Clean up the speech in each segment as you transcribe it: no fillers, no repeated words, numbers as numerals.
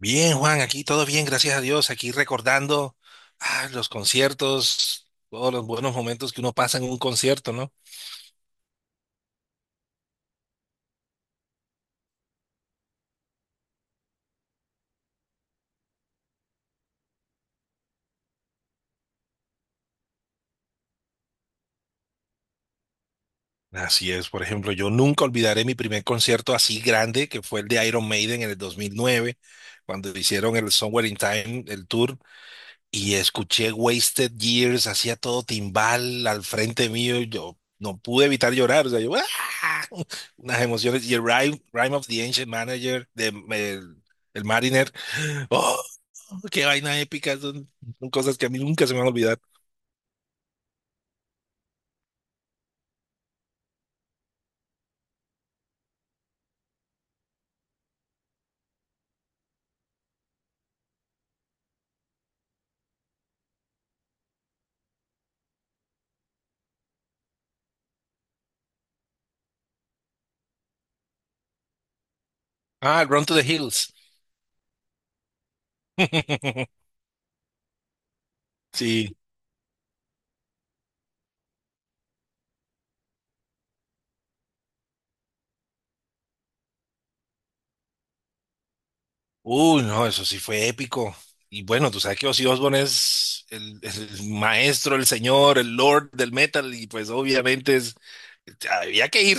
Bien, Juan, aquí todo bien, gracias a Dios. Aquí recordando los conciertos, todos los buenos momentos que uno pasa en un concierto, ¿no? Así es, por ejemplo, yo nunca olvidaré mi primer concierto así grande, que fue el de Iron Maiden en el 2009, cuando hicieron el Somewhere in Time, el tour, y escuché Wasted Years, hacía todo timbal al frente mío, y yo no pude evitar llorar, o sea, yo, ¡ah! unas emociones, y el Rime of the Ancient Manager de el Mariner. ¡Oh! Qué vaina épica, son cosas que a mí nunca se me van a olvidar. Ah, Run to the Hills. Sí. Uy, no, eso sí fue épico. Y bueno, tú sabes que Ozzy Osbourne es el maestro, el señor, el lord del metal, y pues obviamente es, había que ir.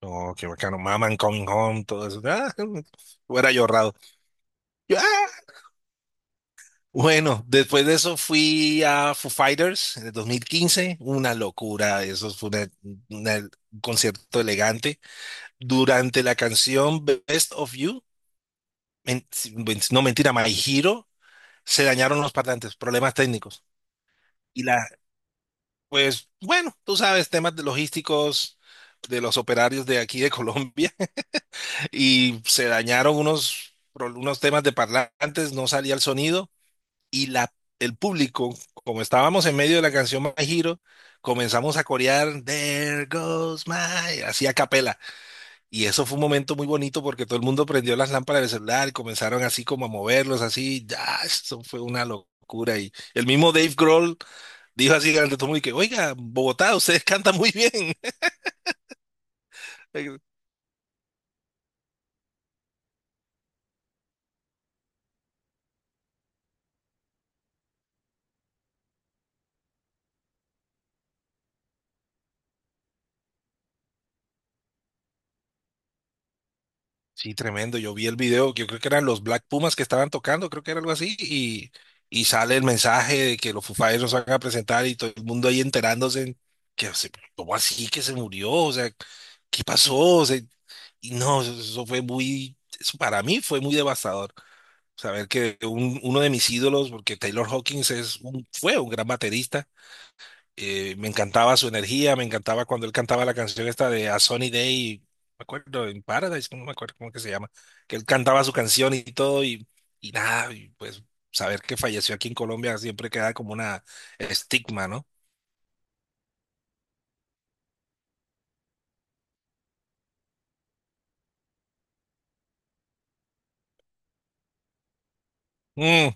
No, qué bacano, Maman Coming Home, todo eso. Ah, hubiera yo ahorrado. Yo, ah. Bueno, después de eso fui a Foo Fighters en el 2015, una locura. Eso fue una- un concierto elegante. Durante la canción Best of You, si no mentira, My Hero, se dañaron los parlantes, problemas técnicos. Y la, pues bueno, tú sabes, temas de logísticos de los operarios de aquí de Colombia y se dañaron unos temas de parlantes, no salía el sonido y la, el público, como estábamos en medio de la canción My Hero, comenzamos a corear There goes my, así a capela. Y eso fue un momento muy bonito porque todo el mundo prendió las lámparas del celular y comenzaron así como a moverlos, así, ya, eso fue una locura. Y el mismo Dave Grohl dijo así durante todo el mundo, y que, oiga, Bogotá, ustedes cantan muy bien. Sí, tremendo. Yo vi el video, yo creo que eran los Black Pumas que estaban tocando, creo que era algo así, y sale el mensaje de que los Foo Fighters nos van a presentar y todo el mundo ahí enterándose que, se- ¿cómo así que se murió? O sea, ¿qué pasó? O sea, y no, eso para mí fue muy devastador. Saber que uno de mis ídolos, porque Taylor Hawkins es fue un gran baterista. Me encantaba su energía, me encantaba cuando él cantaba la canción esta de A Sunny Day, no me acuerdo, en Paradise, no me acuerdo cómo que se llama, que él cantaba su canción y todo, y nada, y pues saber que falleció aquí en Colombia siempre queda como una estigma, ¿no? Mm,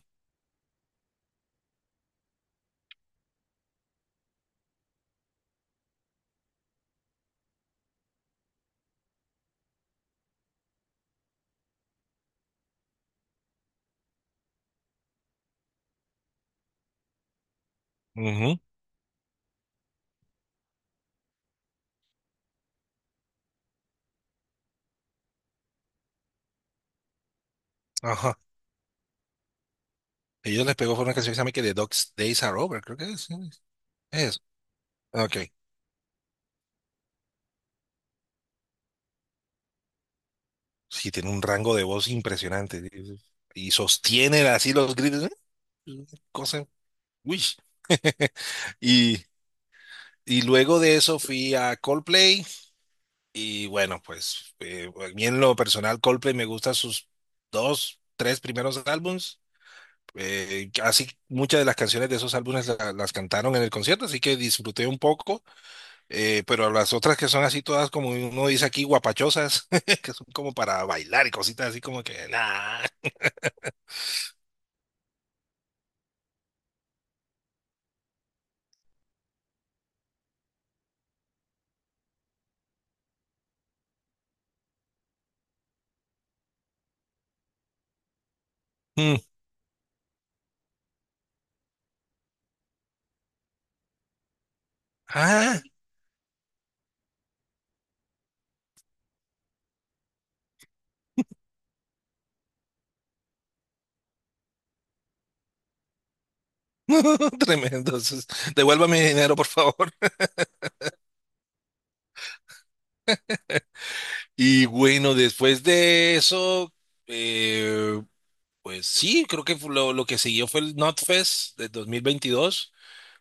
ujú, ajá. Ellos les pegó fue una canción que se llama que The Dog's Days Are Over, creo que es. ¿Sí? Es. Ok. Sí, tiene un rango de voz impresionante. Sí, sí. Y sostiene así los gritos. ¿Eh? Una cosa. Uy. Y, y luego de eso fui a Coldplay. Y bueno, pues a mí en lo personal, Coldplay me gusta sus dos, tres primeros álbums. Así muchas de las canciones de esos álbumes la- las cantaron en el concierto, así que disfruté un poco. Pero las otras que son así todas, como uno dice aquí, guapachosas, que son como para bailar y cositas así como que, nah. Ah, tremendo. Entonces, devuélvame mi dinero, por favor. Y bueno, después de eso, eh, pues sí, creo que fue lo que siguió fue el NotFest de 2022,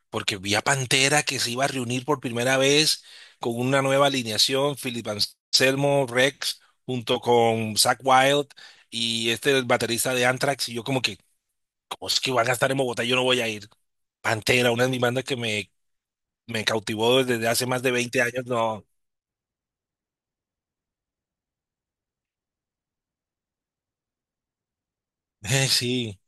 porque vi a Pantera que se iba a reunir por primera vez con una nueva alineación, Philip Anselmo, Rex, junto con Zach Wild y el baterista de Anthrax. Y yo como que, ¿cómo es que van a estar en Bogotá? Yo no voy a ir. Pantera, una de mis bandas que me cautivó desde hace más de 20 años, no. Sí,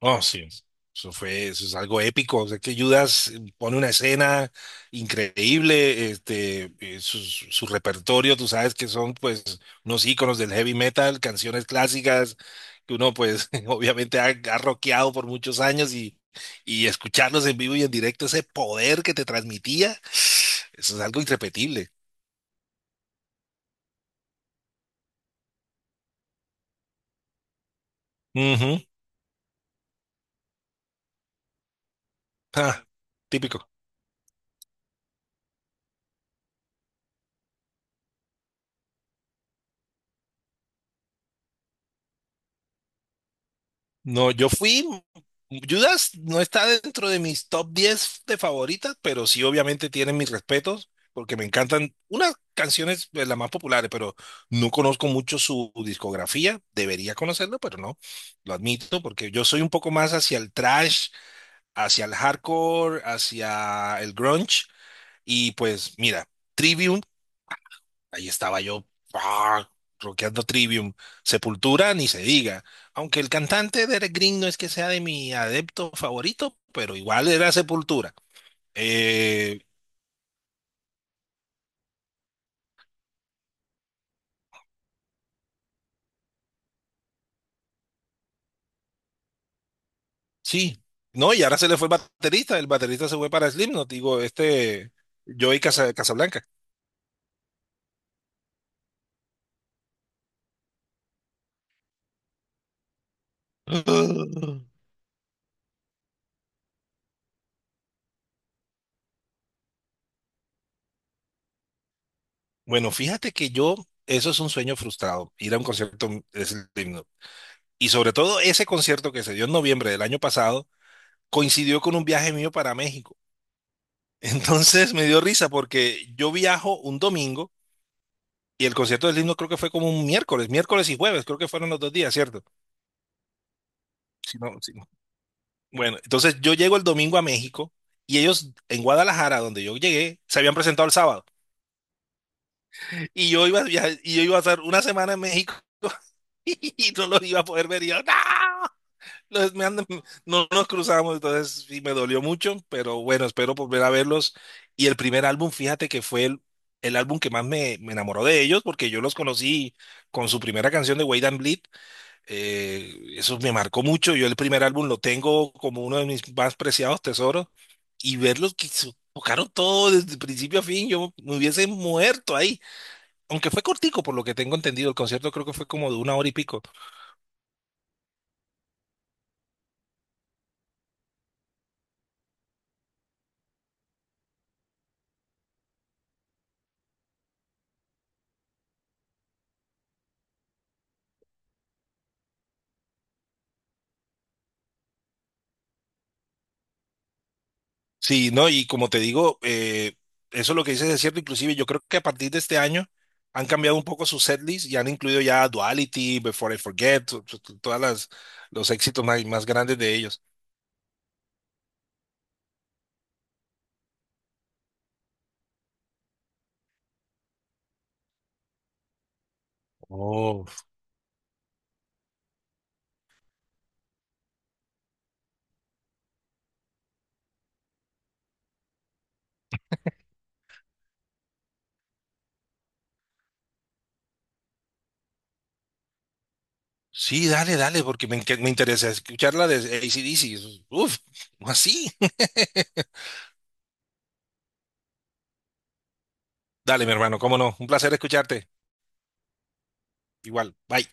oh, sí. Eso es algo épico. O sea, que Judas pone una escena increíble, su repertorio, tú sabes que son pues unos íconos del heavy metal, canciones clásicas que uno pues obviamente ha rockeado por muchos años y escucharlos en vivo y en directo, ese poder que te transmitía, eso es algo irrepetible. Ujú. Ah, típico. No, yo fui. Judas no está dentro de mis top 10 de favoritas, pero sí obviamente tienen mis respetos, porque me encantan unas canciones de las más populares, pero no conozco mucho su discografía. Debería conocerlo, pero no, lo admito, porque yo soy un poco más hacia el trash, hacia el hardcore, hacia el grunge, y pues mira, Trivium. Ahí estaba yo, ah, rockeando Trivium. Sepultura, ni se diga. Aunque el cantante de Eric Green no es que sea de mi adepto favorito, pero igual era Sepultura. Eh, sí, no, y ahora se le fue el baterista. El baterista se fue para Slipknot, digo, Joey Casablanca. Bueno, fíjate que eso es un sueño frustrado, ir a un concierto de Slipknot. Y sobre todo ese concierto que se dio en noviembre del año pasado, coincidió con un viaje mío para México. Entonces me dio risa porque yo viajo un domingo y el concierto del himno creo que fue como un miércoles, miércoles y jueves, creo que fueron los 2 días, ¿cierto? Si no- si no. Bueno, entonces yo llego el domingo a México y ellos en Guadalajara, donde yo llegué, se habían presentado el sábado y yo iba a estar una semana en México. Y no los iba a poder ver y yo, ¡no! Los- me andan- no no nos cruzamos, entonces sí me dolió mucho, pero bueno, espero volver a verlos. Y el primer álbum, fíjate que fue el álbum que más me enamoró de ellos, porque yo los conocí con su primera canción de Wade and Bleed. Eso me marcó mucho. Yo el primer álbum lo tengo como uno de mis más preciados tesoros. Y verlos tocaron todo desde principio a fin, yo me hubiese muerto ahí. Aunque fue cortico, por lo que tengo entendido, el concierto creo que fue como de una hora y pico. Sí, no, y como te digo, eso, lo que dices es cierto. Inclusive yo creo que a partir de este año han cambiado un poco su setlist y han incluido ya Duality, Before I Forget, todas las los éxitos más grandes de ellos. Oh. Sí, dale, dale, porque me interesa escuchar la de AC/DC. Uf, así. Dale, mi hermano, cómo no, un placer escucharte. Igual, bye.